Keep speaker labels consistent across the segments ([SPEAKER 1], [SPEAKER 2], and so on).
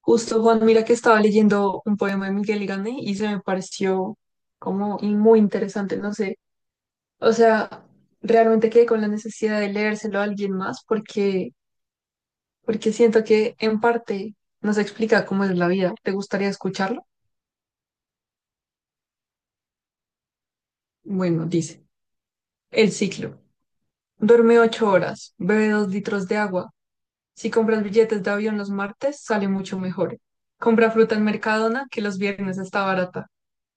[SPEAKER 1] Justo, Juan, mira que estaba leyendo un poema de Miguel Grande y se me pareció como y muy interesante, no sé. O sea, realmente quedé con la necesidad de leérselo a alguien más porque siento que en parte nos explica cómo es la vida. ¿Te gustaría escucharlo? Bueno, dice, el ciclo. Duerme 8 horas, bebe 2 litros de agua. Si compras billetes de avión los martes, sale mucho mejor. Compra fruta en Mercadona, que los viernes está barata.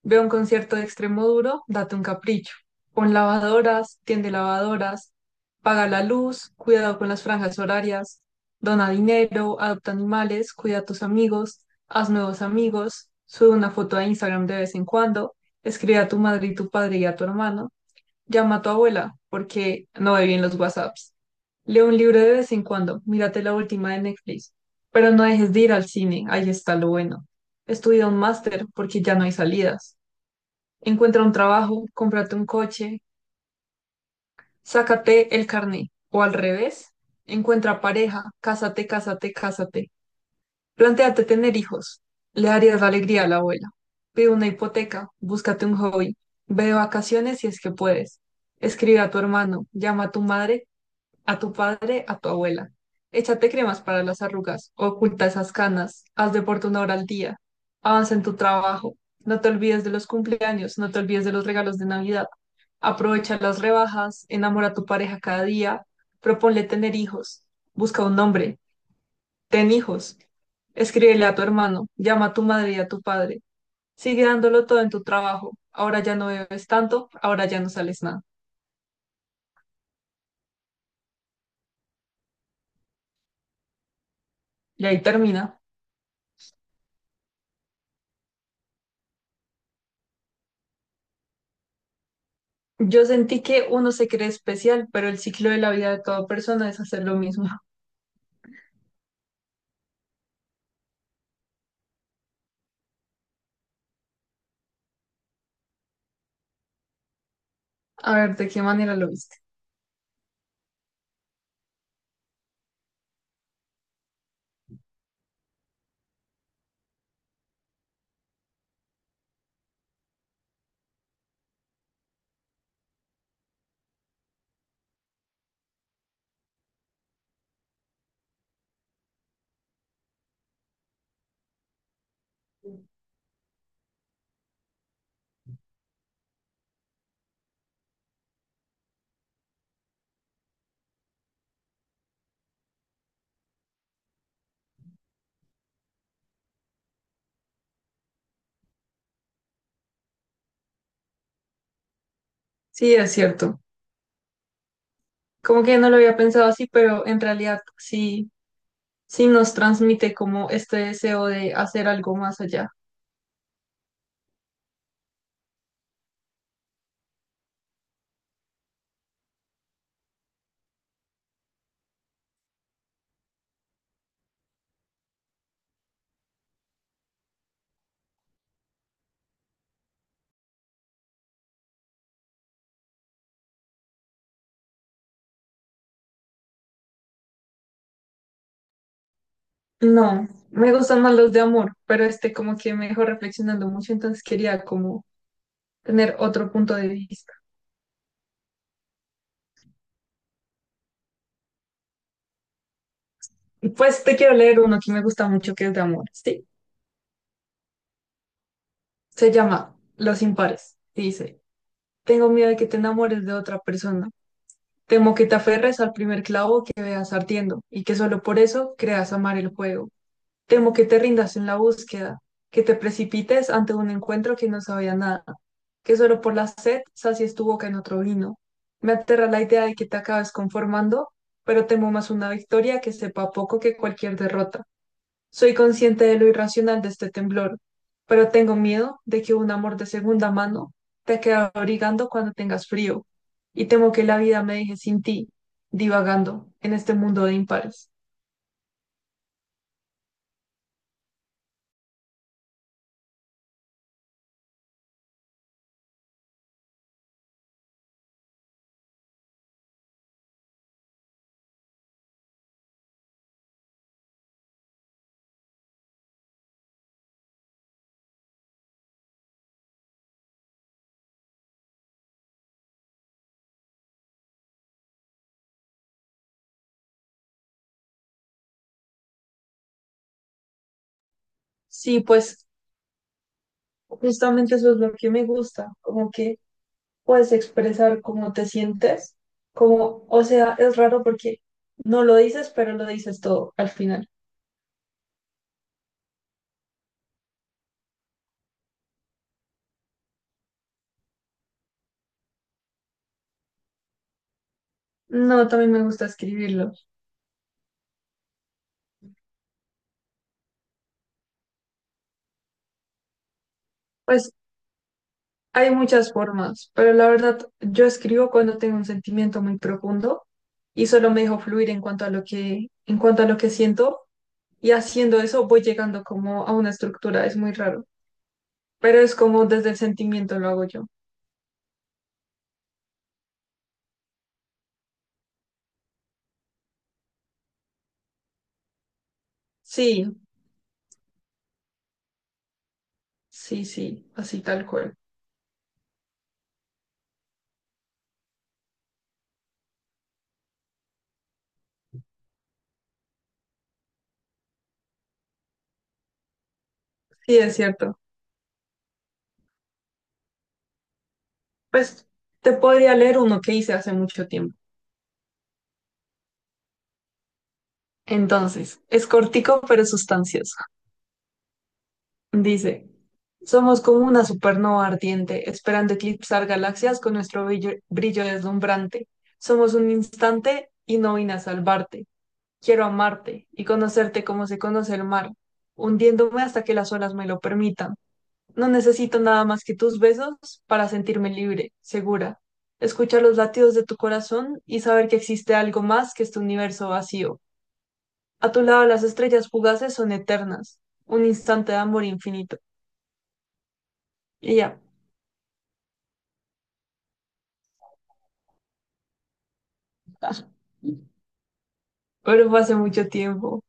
[SPEAKER 1] Ve a un concierto de Extremoduro, date un capricho. Pon lavadoras, tiende lavadoras, paga la luz, cuidado con las franjas horarias, dona dinero, adopta animales, cuida a tus amigos, haz nuevos amigos, sube una foto a Instagram de vez en cuando, escribe a tu madre y tu padre y a tu hermano, llama a tu abuela porque no ve bien los WhatsApps. Lee un libro de vez en cuando, mírate la última de Netflix, pero no dejes de ir al cine, ahí está lo bueno. Estudia un máster porque ya no hay salidas. Encuentra un trabajo, cómprate un coche, sácate el carné. O al revés, encuentra pareja, cásate, cásate, cásate. Plantéate tener hijos. Le darías la alegría a la abuela. Pide una hipoteca, búscate un hobby. Ve de vacaciones si es que puedes. Escribe a tu hermano, llama a tu madre a tu padre, a tu abuela. Échate cremas para las arrugas, oculta esas canas, haz deporte una hora al día, avanza en tu trabajo, no te olvides de los cumpleaños, no te olvides de los regalos de Navidad. Aprovecha las rebajas, enamora a tu pareja cada día, proponle tener hijos, busca un nombre, ten hijos, escríbele a tu hermano, llama a tu madre y a tu padre, sigue dándolo todo en tu trabajo, ahora ya no bebes tanto, ahora ya no sales nada. Y ahí termina. Yo sentí que uno se cree especial, pero el ciclo de la vida de toda persona es hacer lo mismo. A ver, ¿de qué manera lo viste? Sí, es cierto. Como que no lo había pensado así, pero en realidad sí, sí nos transmite como este deseo de hacer algo más allá. No, me gustan más los de amor, pero este como que me dejó reflexionando mucho, entonces quería como tener otro punto de vista. Y pues te quiero leer uno que me gusta mucho, que es de amor, ¿sí? Se llama Los impares, y dice, tengo miedo de que te enamores de otra persona. Temo que te aferres al primer clavo que veas ardiendo y que solo por eso creas amar el juego. Temo que te rindas en la búsqueda, que te precipites ante un encuentro que no sabía nada, que solo por la sed sacies tu boca en otro vino. Me aterra la idea de que te acabes conformando, pero temo más una victoria que sepa poco que cualquier derrota. Soy consciente de lo irracional de este temblor, pero tengo miedo de que un amor de segunda mano te quede abrigando cuando tengas frío, y temo que la vida me deje sin ti, divagando en este mundo de impares. Sí, pues justamente eso es lo que me gusta, como que puedes expresar cómo te sientes, como, o sea, es raro porque no lo dices, pero lo dices todo al final. No, también me gusta escribirlo. Pues hay muchas formas, pero la verdad, yo escribo cuando tengo un sentimiento muy profundo y solo me dejo fluir en cuanto a lo que siento y haciendo eso voy llegando como a una estructura, es muy raro, pero es como desde el sentimiento lo hago yo. Sí, sí, sí, así tal cual. Sí, es cierto. Pues te podría leer uno que hice hace mucho tiempo. Entonces, es cortico pero sustancioso. Dice, somos como una supernova ardiente, esperando eclipsar galaxias con nuestro brillo, brillo deslumbrante. Somos un instante y no vine a salvarte. Quiero amarte y conocerte como se conoce el mar, hundiéndome hasta que las olas me lo permitan. No necesito nada más que tus besos para sentirme libre, segura. Escuchar los latidos de tu corazón y saber que existe algo más que este universo vacío. A tu lado las estrellas fugaces son eternas, un instante de amor infinito. Y ya. Pero fue hace mucho tiempo.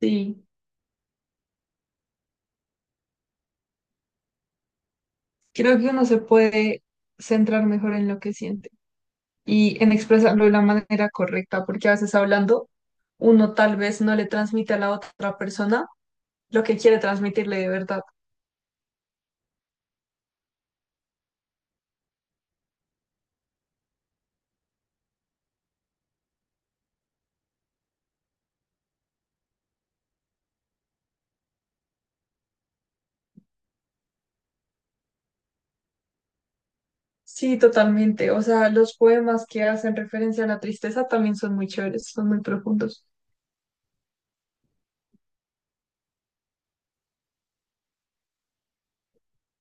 [SPEAKER 1] Sí, creo que uno se puede centrar mejor en lo que siente y en expresarlo de la manera correcta, porque a veces hablando uno tal vez no le transmite a la otra persona lo que quiere transmitirle de verdad. Sí, totalmente. O sea, los poemas que hacen referencia a la tristeza también son muy chéveres, son muy profundos.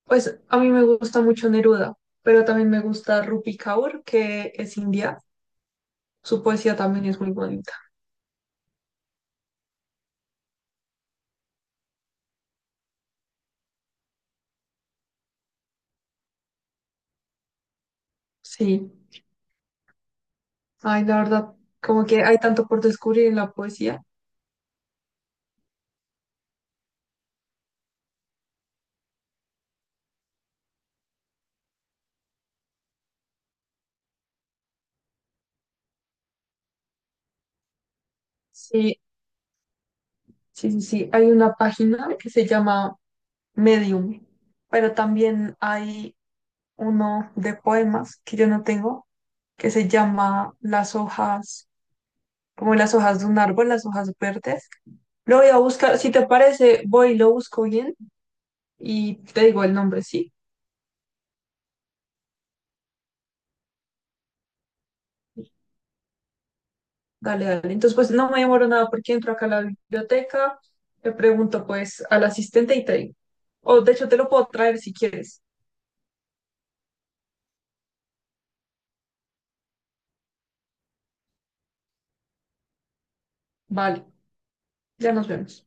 [SPEAKER 1] Pues a mí me gusta mucho Neruda, pero también me gusta Rupi Kaur, que es india. Su poesía también es muy bonita. Sí. Ay, la verdad, como que hay tanto por descubrir en la poesía. Sí, sí, sí, sí. Hay una página que se llama Medium, pero también hay uno de poemas que yo no tengo, que se llama Las hojas, como las hojas de un árbol, las hojas verdes. Lo voy a buscar, si te parece, voy y lo busco bien y te digo el nombre, ¿sí? Dale, dale. Entonces, pues no me demoro nada porque entro acá a la biblioteca, le pregunto pues al asistente y te digo. O de hecho te lo puedo traer si quieres. Vale, ya nos vemos.